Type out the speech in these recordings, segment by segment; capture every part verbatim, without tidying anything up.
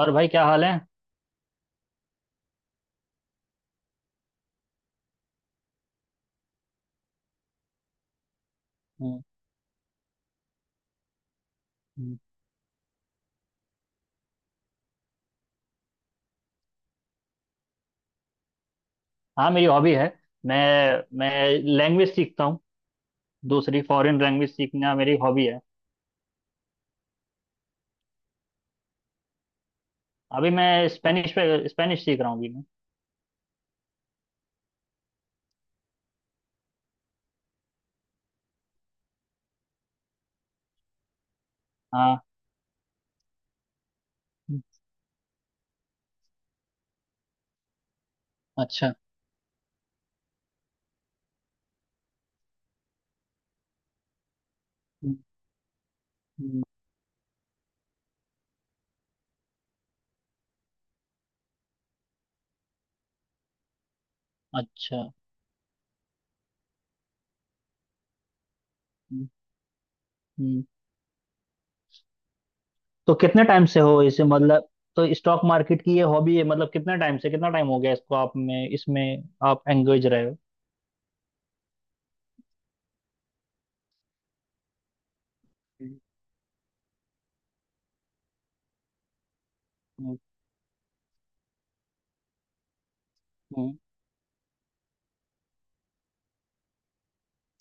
और भाई, क्या हाल है? हम्म, हम्म। हाँ, मेरी हॉबी है। मैं मैं लैंग्वेज सीखता हूँ। दूसरी फॉरेन लैंग्वेज सीखना मेरी हॉबी है। अभी मैं स्पेनिश पे स्पेनिश सीख रहा हूँ अभी मैं हाँ, हम्म, अच्छा, हम्म, हम्म, अच्छा, हम्म, हम्म। तो कितने टाइम से हो इसे मतलब तो स्टॉक मार्केट की ये हॉबी है। मतलब कितने टाइम से कितना टाइम हो गया इसको, आप में इसमें आप एंगेज रहे हो? हम्म, हम्म,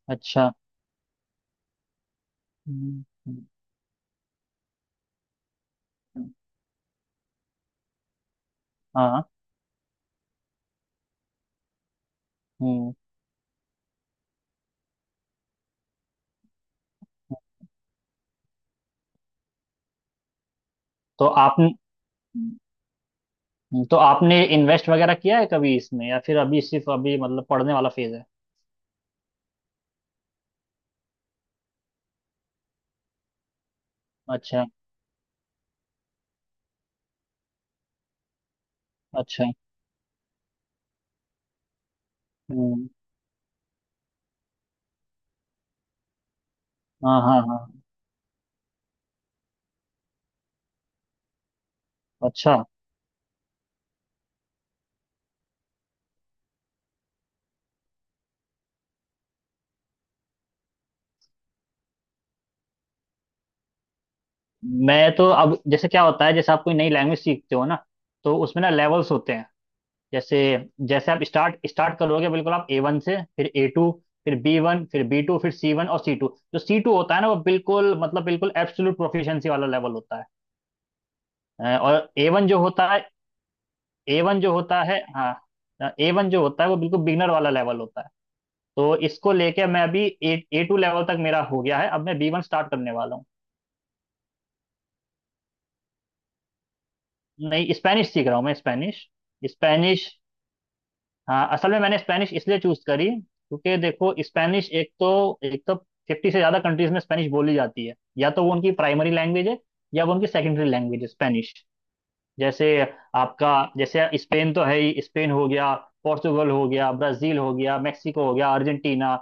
अच्छा, हम्म, हम्म, हम्म, हाँ, हम्म, हम्म। तो आपने हम्म, तो आपने इन्वेस्ट वगैरह किया है कभी इसमें, या फिर अभी सिर्फ अभी, मतलब, पढ़ने वाला फेज है? अच्छा, अच्छा, हम्म, हाँ, हाँ, हाँ, अच्छा। मैं तो अब, जैसे क्या होता है, जैसे आप कोई नई लैंग्वेज सीखते हो ना, तो उसमें ना लेवल्स होते हैं। जैसे जैसे आप स्टार्ट स्टार्ट करोगे, बिल्कुल, आप ए वन से, फिर ए टू, फिर बी वन, फिर बी टू, फिर सी वन और सी टू। जो सी टू होता है ना, वो बिल्कुल, मतलब, बिल्कुल एब्सोल्यूट प्रोफिशिएंसी वाला लेवल होता है। अ, और ए वन जो होता है ए वन जो होता है हाँ, ए वन जो होता है वो बिल्कुल बिगनर वाला लेवल होता है। तो इसको लेके मैं अभी ए ए टू लेवल तक मेरा हो गया है। अब मैं बी वन स्टार्ट करने वाला हूँ। नहीं, स्पेनिश सीख रहा हूँ मैं, स्पेनिश, स्पेनिश। हाँ, असल में मैंने स्पेनिश इसलिए चूज करी क्योंकि देखो, स्पेनिश, एक तो एक तो फिफ्टी से ज़्यादा कंट्रीज में स्पेनिश बोली जाती है, या तो वो उनकी प्राइमरी लैंग्वेज है या वो उनकी सेकेंडरी लैंग्वेज है, स्पेनिश। जैसे आपका जैसे स्पेन तो है ही, स्पेन हो गया, पोर्तुगल हो गया, ब्राज़ील हो गया, मैक्सिको हो गया, अर्जेंटीना।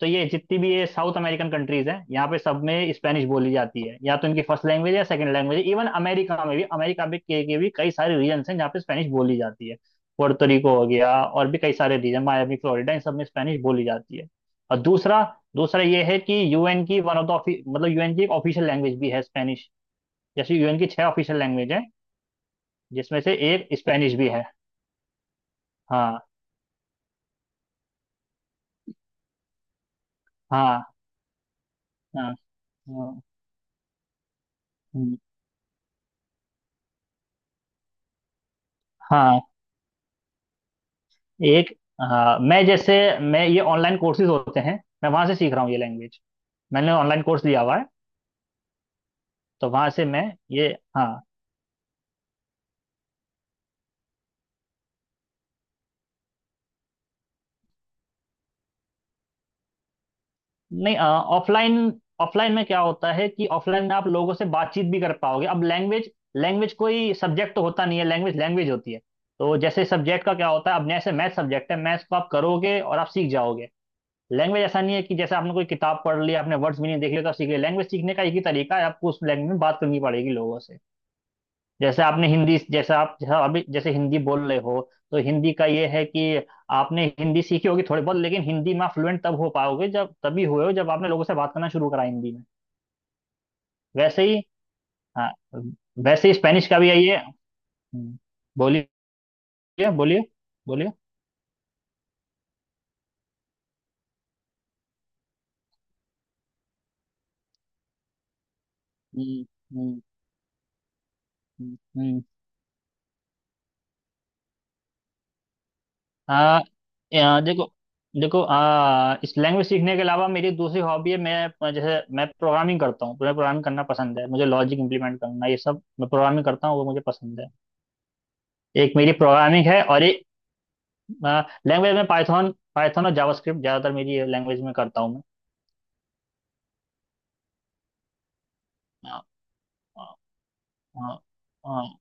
तो ये जितनी भी ये साउथ अमेरिकन कंट्रीज हैं, यहाँ पे सब में स्पेनिश बोली जाती है, या तो इनकी फर्स्ट लैंग्वेज या सेकंड लैंग्वेज। इवन अमेरिका में भी, अमेरिका में के, के भी कई सारे रीजन्स हैं जहाँ पे स्पेनिश बोली जाती है। पोर्टोरिको हो गया, और भी कई सारे रीजन, मायामी, फ्लोरिडा, इन सब में स्पेनिश बोली जाती है। और दूसरा दूसरा ये है कि यू एन की वन ऑफ द ऑफि- मतलब, यू एन की एक ऑफिशियल लैंग्वेज भी है, स्पेनिश। जैसे यू एन की छह ऑफिशियल लैंग्वेज है, जिसमें से एक स्पेनिश भी है। हाँ, हाँ, हाँ, हाँ, हाँ, हाँ। एक हाँ, मैं जैसे मैं ये ऑनलाइन कोर्सेज होते हैं, मैं वहां से सीख रहा हूँ ये लैंग्वेज, मैंने ऑनलाइन कोर्स लिया हुआ है, तो वहां से मैं ये हाँ। नहीं, ऑफलाइन। ऑफलाइन में क्या होता है कि ऑफलाइन में आप लोगों से बातचीत भी कर पाओगे। अब लैंग्वेज लैंग्वेज कोई सब्जेक्ट तो होता नहीं है, लैंग्वेज लैंग्वेज होती है। तो जैसे सब्जेक्ट का क्या होता है, अब जैसे मैथ सब्जेक्ट है, मैथ्स को आप करोगे और आप सीख जाओगे। लैंग्वेज ऐसा नहीं है कि जैसे आपने कोई किताब पढ़ ली, आपने वर्ड्स भी नहीं देख लिया तो आप सीख लिया। लैंग्वेज सीखने का एक ही तरीका है, आपको उस लैंग्वेज में बात करनी पड़ेगी लोगों से। जैसे आपने हिंदी जैसा आप जैसा अभी जैसे हिंदी बोल रहे हो, तो हिंदी का ये है कि आपने हिंदी सीखी होगी थोड़ी बहुत, लेकिन हिंदी में आप फ्लुएंट तब हो पाओगे, जब तभी हुए हो जब आपने लोगों से बात करना शुरू करा हिंदी में। वैसे ही, हाँ, वैसे ही स्पेनिश का भी यही है। हम्म, बोलिए, बोलिए, बोलिए, हम्म, हम्म, हम्म, हम्म। आ, आ, देखो देखो, आ, इस लैंग्वेज सीखने के अलावा मेरी दूसरी हॉबी है, मैं जैसे मैं प्रोग्रामिंग करता हूँ, मुझे प्रोग्रामिंग करना पसंद है, मुझे लॉजिक इंप्लीमेंट करना, ये सब मैं प्रोग्रामिंग करता हूँ, वो मुझे पसंद है। एक मेरी प्रोग्रामिंग है, और एक, लैंग्वेज में पाइथन पाइथन और जावास्क्रिप्ट, ज़्यादातर मेरी लैंग्वेज में करता हूँ। मैं अ, अ, अ, अ,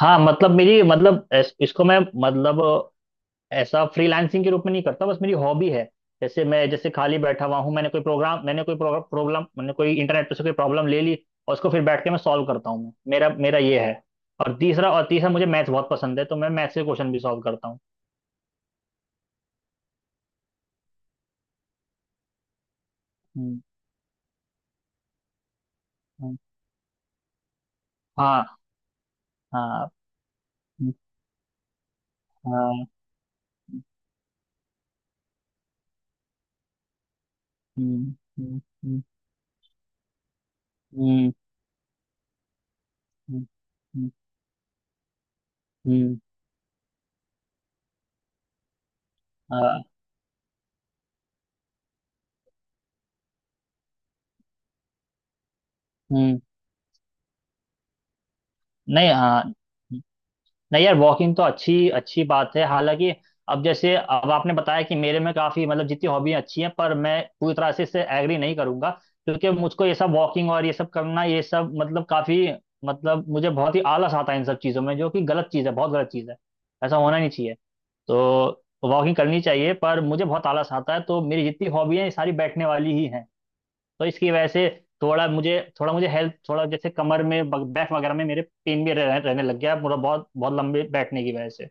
हाँ, मतलब, मेरी, मतलब इस- इसको मैं मतलब ऐसा फ्रीलांसिंग के रूप में नहीं करता, बस मेरी हॉबी है। जैसे मैं जैसे खाली बैठा हुआ हूँ, मैंने कोई प्रोग्राम मैंने कोई प्रॉब्लम मैंने कोई इंटरनेट पे से कोई प्रॉब्लम ले ली, और उसको फिर बैठ के मैं सॉल्व करता हूँ, मैं मेरा मेरा ये है। और तीसरा और तीसरा, मुझे मैथ्स बहुत पसंद है, तो मैं मैथ्स के क्वेश्चन भी सॉल्व करता हूँ। हम्म, हम्म, हाँ, हाँ, हम्म, हाँ, हम्म, हम्म, हम्म, हम्म, हम्म, हम्म, हम्म, हाँ, हम्म। नहीं, हाँ। नहीं यार, वॉकिंग तो अच्छी अच्छी बात है, हालांकि। अब जैसे अब आपने बताया कि मेरे में काफी, मतलब, जितनी हॉबी अच्छी हैं, पर मैं पूरी तरह से इससे एग्री नहीं करूंगा, क्योंकि मुझको ये सब वॉकिंग और ये सब करना, ये सब मतलब काफी, मतलब मुझे बहुत ही आलस आता है इन सब चीजों में, जो कि गलत चीज है, बहुत गलत चीज है, ऐसा होना नहीं चाहिए। तो वॉकिंग करनी चाहिए, पर मुझे बहुत आलस आता है, तो मेरी जितनी हॉबी है, सारी बैठने वाली ही है। तो इसकी वजह से थोड़ा मुझे, थोड़ा मुझे हेल्थ थोड़ा, जैसे कमर में, बैक वगैरह में मेरे पेन भी रह, रहने लग गया पूरा, बहुत बहुत लंबे बैठने की वजह से।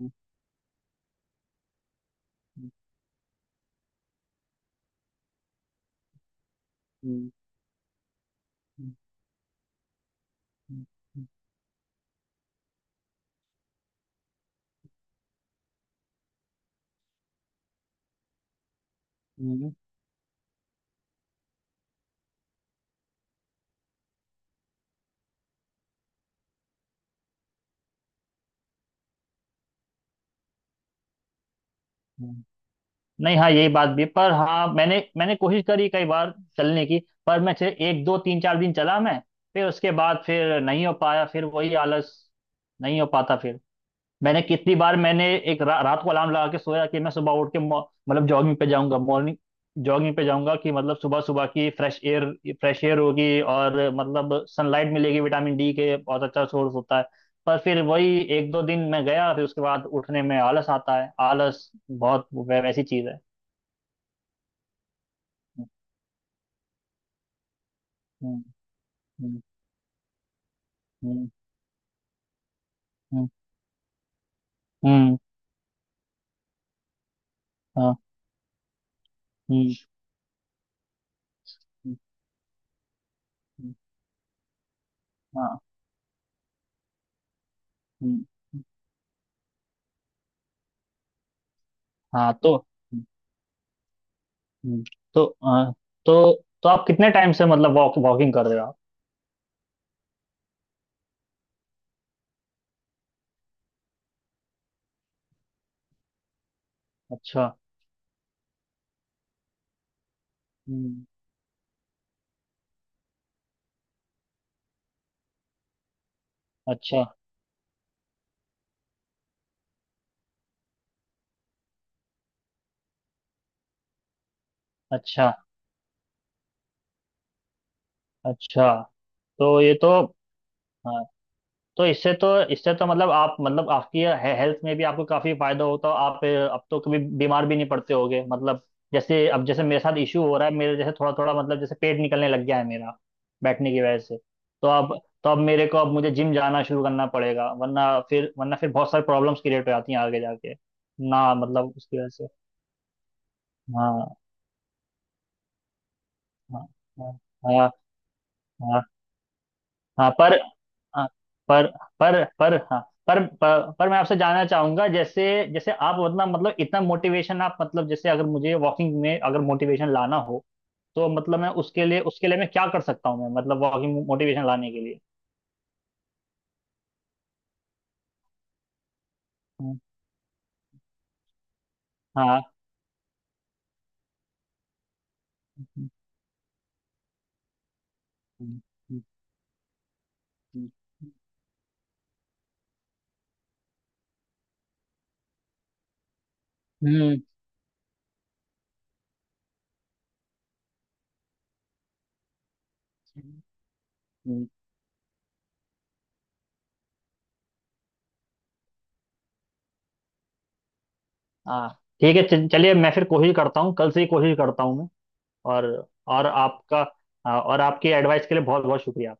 हम्म, हम्म, हम्म, हम्म, हम्म। नहीं, हाँ, यही बात भी, पर हाँ, मैंने मैंने कोशिश करी कई बार चलने की, पर मैं सिर्फ एक दो तीन चार दिन चला मैं, फिर उसके बाद फिर नहीं हो पाया, फिर वही आलस, नहीं हो पाता फिर। मैंने कितनी बार, मैंने एक रा, रात को अलार्म लगा के सोया कि मैं सुबह उठ के मॉ- मतलब जॉगिंग पे जाऊंगा, मॉर्निंग जॉगिंग पे जाऊंगा, कि मतलब सुबह सुबह की फ्रेश एयर, फ्रेश एयर होगी, और मतलब सनलाइट मिलेगी, विटामिन डी के बहुत अच्छा सोर्स होता है। पर फिर वही एक दो दिन मैं गया, फिर उसके बाद उठने में आलस आता है, आलस बहुत वै- वैसी चीज है। हम्म, हम्म, हम्म, हम्म, हम्म, हम्म, हाँ, हम्म, हम्म, हाँ, हम्म, हाँ तो, हम्म, तो अ, तो तो आप कितने टाइम से, मतलब वॉक वॉकिंग कर रहे हो आप? अच्छा, हम्म, अच्छा, अच्छा, अच्छा, तो ये तो, हाँ, तो इससे तो, इससे तो मतलब आप, मतलब, आपकी हेल्थ में भी आपको काफी फायदा होता है। आप अ, अब तो कभी बीमार भी नहीं पड़ते होगे, मतलब। जैसे अब, जैसे मेरे साथ इशू हो रहा है, मेरे जैसे थोड़ा थोड़ा, मतलब, जैसे पेट निकलने लग गया है मेरा, बैठने की वजह से। तो अब, तो अब मेरे को अब मुझे जिम जाना शुरू करना पड़ेगा, वरना फिर, वरना फिर बहुत सारी प्रॉब्लम्स क्रिएट हो जाती हैं आगे जाके। ना, मतलब उसकी वजह से। हाँ, हाँ, हाँ, हाँ, हाँ, हाँ, पर, हाँ, पर पर पर, हाँ, पर पर, पर मैं आपसे जानना चाहूंगा, जैसे जैसे आप मतलब मतलब इतना मोटिवेशन आप, मतलब, जैसे अगर मुझे वॉकिंग में अगर मोटिवेशन लाना हो, तो मतलब मैं उसके लिए, उसके लिए मैं क्या कर सकता हूँ मैं, मतलब वॉकिंग मोटिवेशन लाने के लिए? हम्म, हाँ, हम्म, हम्म, हम्म, हम्म, हाँ। ठीक है, चल- चलिए, मैं फिर कोशिश करता हूँ, कल से ही कोशिश करता हूँ मैं। और और आपका हाँ, और आपकी एडवाइस के लिए बहुत बहुत शुक्रिया।